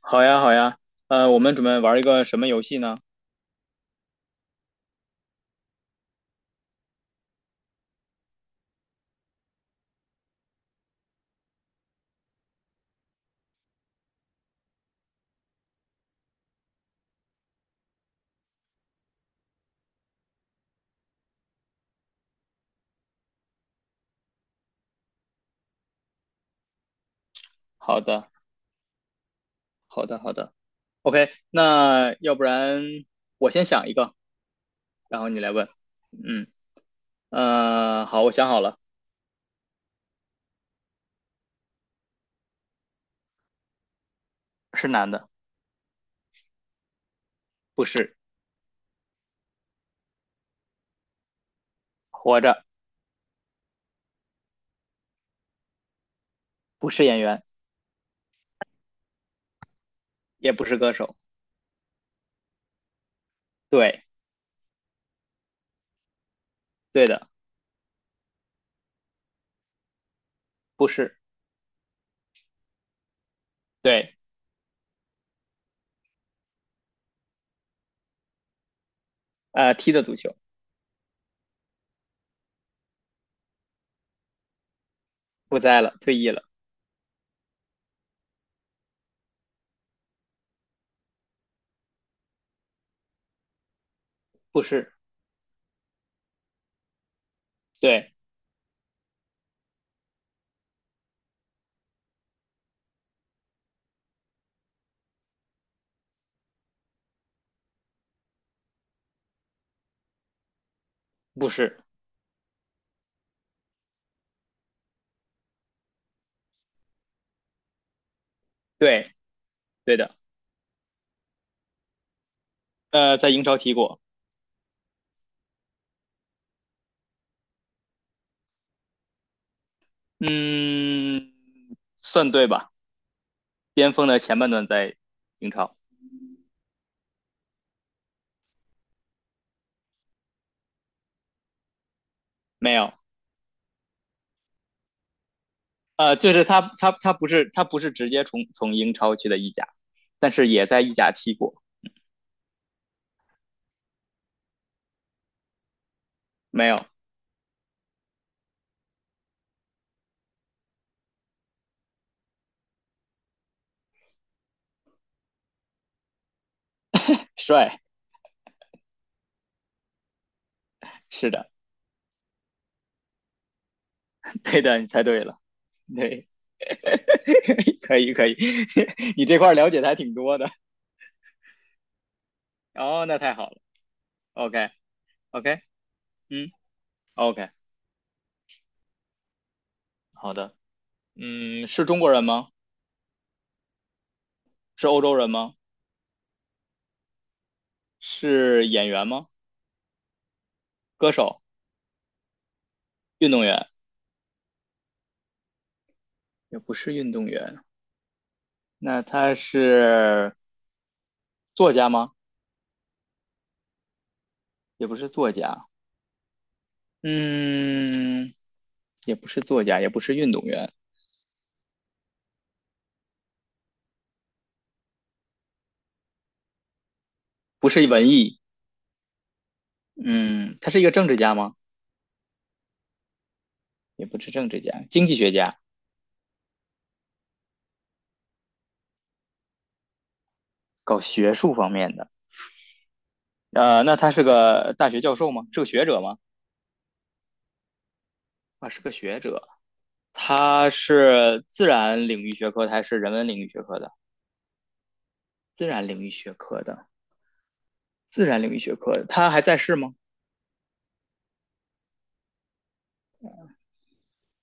好呀，好呀，我们准备玩一个什么游戏呢？好的，好的，好的。OK，那要不然我先想一个，然后你来问。嗯，好，我想好了，是男的，不是，活着，不是演员，也不是歌手。对，对的，不是，对，踢的足球，不在了，退役了，不是，对，不是，对，对的，在英超踢过，嗯，算对吧？巅峰的前半段在英超。没有，就是他不是他不是直接从英超去的意甲，但是也在意甲踢过。没有，帅，是的，对的，你猜对了，对，可以可以，你这块儿了解的还挺多的。哦，那太好了，OK OK，嗯，OK，好的，嗯，是中国人吗？是欧洲人吗？是演员吗？歌手、运动员？也不是运动员，那他是作家吗？也不是作家。嗯，也不是作家，也不是运动员，不是文艺，嗯，他是一个政治家吗？也不是政治家，经济学家，搞学术方面的。那他是个大学教授吗？是个学者吗？啊，是个学者。他是自然领域学科的还是人文领域学科的？自然领域学科的，自然领域学科的。他还在世吗？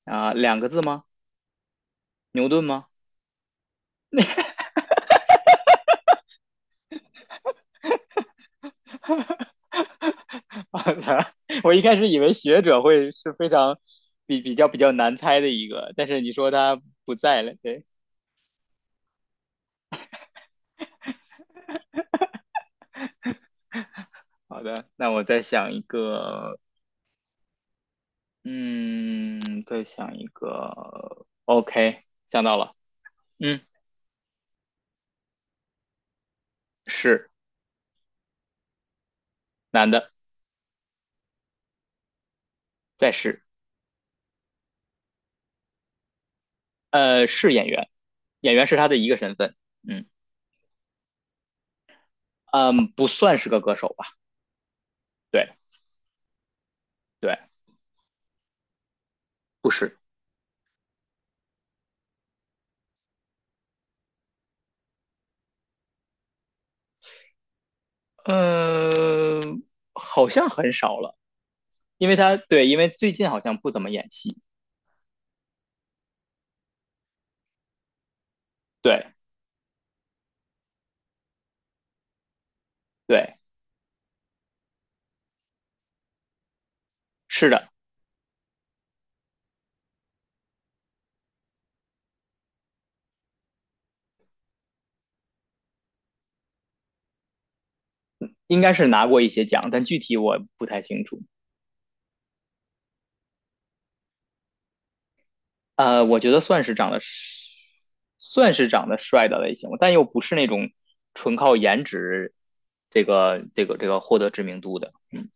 啊、两个字吗？牛顿吗？我一开始以为学者会是非常比较难猜的一个，但是你说他不在了，对，好的，那我再想一个，嗯，再想一个，OK，想到了，嗯，是男的，在是，是演员，演员是他的一个身份，嗯嗯，不算是个歌手吧，对对，不是，嗯、好像很少了，因为他对，因为最近好像不怎么演戏，对对。是的，应该是拿过一些奖，但具体我不太清楚。呃，我觉得算是长得算是长得帅的类型，但又不是那种纯靠颜值这个获得知名度的。嗯，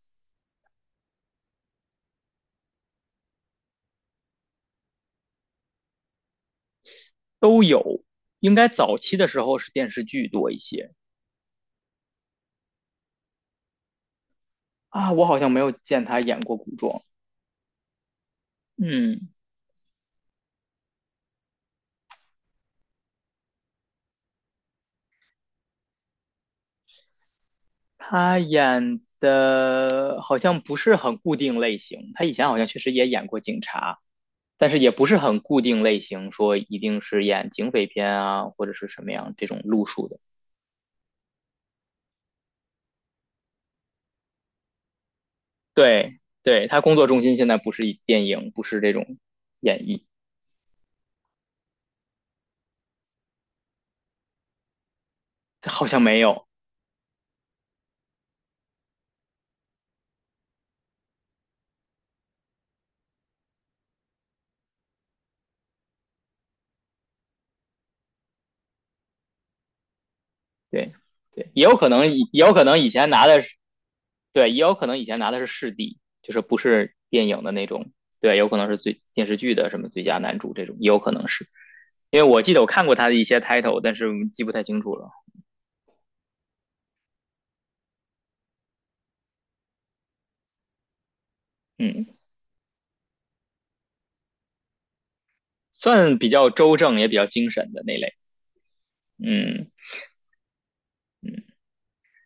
都有。应该早期的时候是电视剧多一些啊，我好像没有见他演过古装。嗯，他演的好像不是很固定类型，他以前好像确实也演过警察。但是也不是很固定类型，说一定是演警匪片啊，或者是什么样这种路数的。对，对，他工作重心现在不是以电影，不是这种演绎，好像没有。对，对，也有可能也有可能以前拿的是，对，也有可能以前拿的是视帝，就是不是电影的那种。对，有可能是最电视剧的什么最佳男主这种，也有可能是。因为我记得我看过他的一些 title，但是记不太清楚了。嗯，算比较周正，也比较精神的那类。嗯。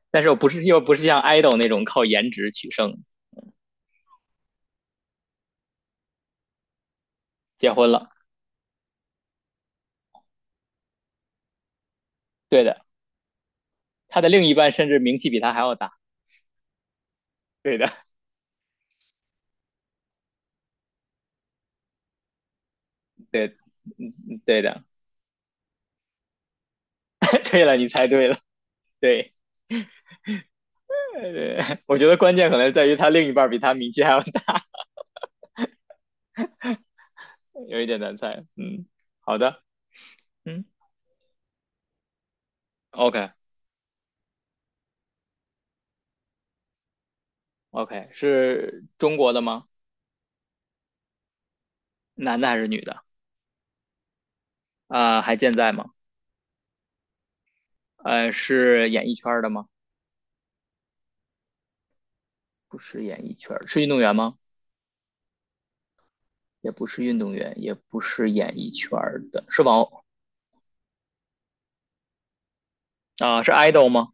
但是又不是像 idol 那种靠颜值取胜，结婚了，对的，他的另一半甚至名气比他还要大，对的，对，嗯，对的，对了，你猜对了，对，我觉得关键可能在于他另一半比他名气还要大，有一点难猜，嗯，好的，嗯，OK OK，是中国的吗？男的还是女的？啊、还健在吗？是演艺圈的吗？不是演艺圈是运动员吗？也不是运动员，也不是演艺圈的，是网啊，是 idol 吗？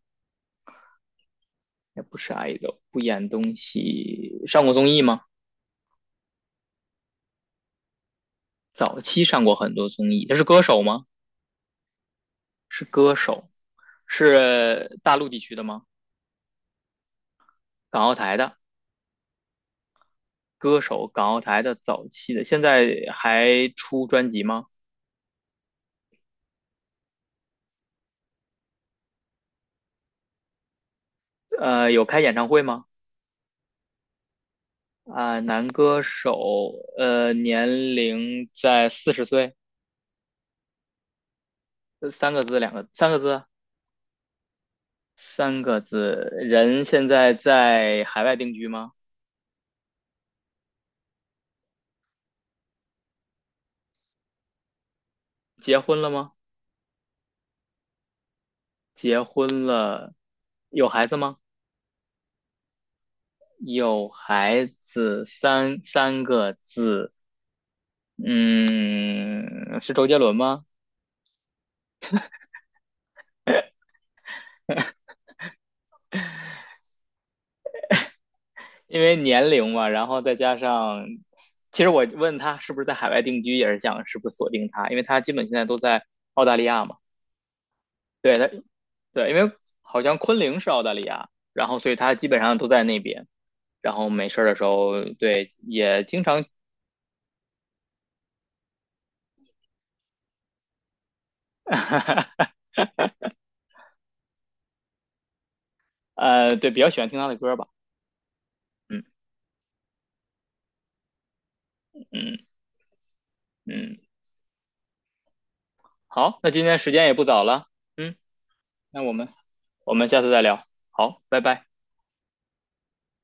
也不是 idol，不演东西，上过综艺吗？早期上过很多综艺，他是歌手吗？是歌手，是大陆地区的吗？港澳台的歌手，港澳台的早期的，现在还出专辑吗？有开演唱会吗？啊、男歌手，年龄在40岁，三个字，两个，三个字啊，三个字，人现在在海外定居吗？结婚了吗？结婚了，有孩子吗？有孩子三个字，嗯，是周杰伦吗？因为年龄嘛，然后再加上，其实我问他是不是在海外定居，也是想是不是锁定他，因为他基本现在都在澳大利亚嘛。对他，对，因为好像昆凌是澳大利亚，然后所以他基本上都在那边，然后没事儿的时候，对，也经常，对，比较喜欢听他的歌吧，嗯嗯嗯。好，那今天时间也不早了，嗯，那我们我们下次再聊，好，拜拜。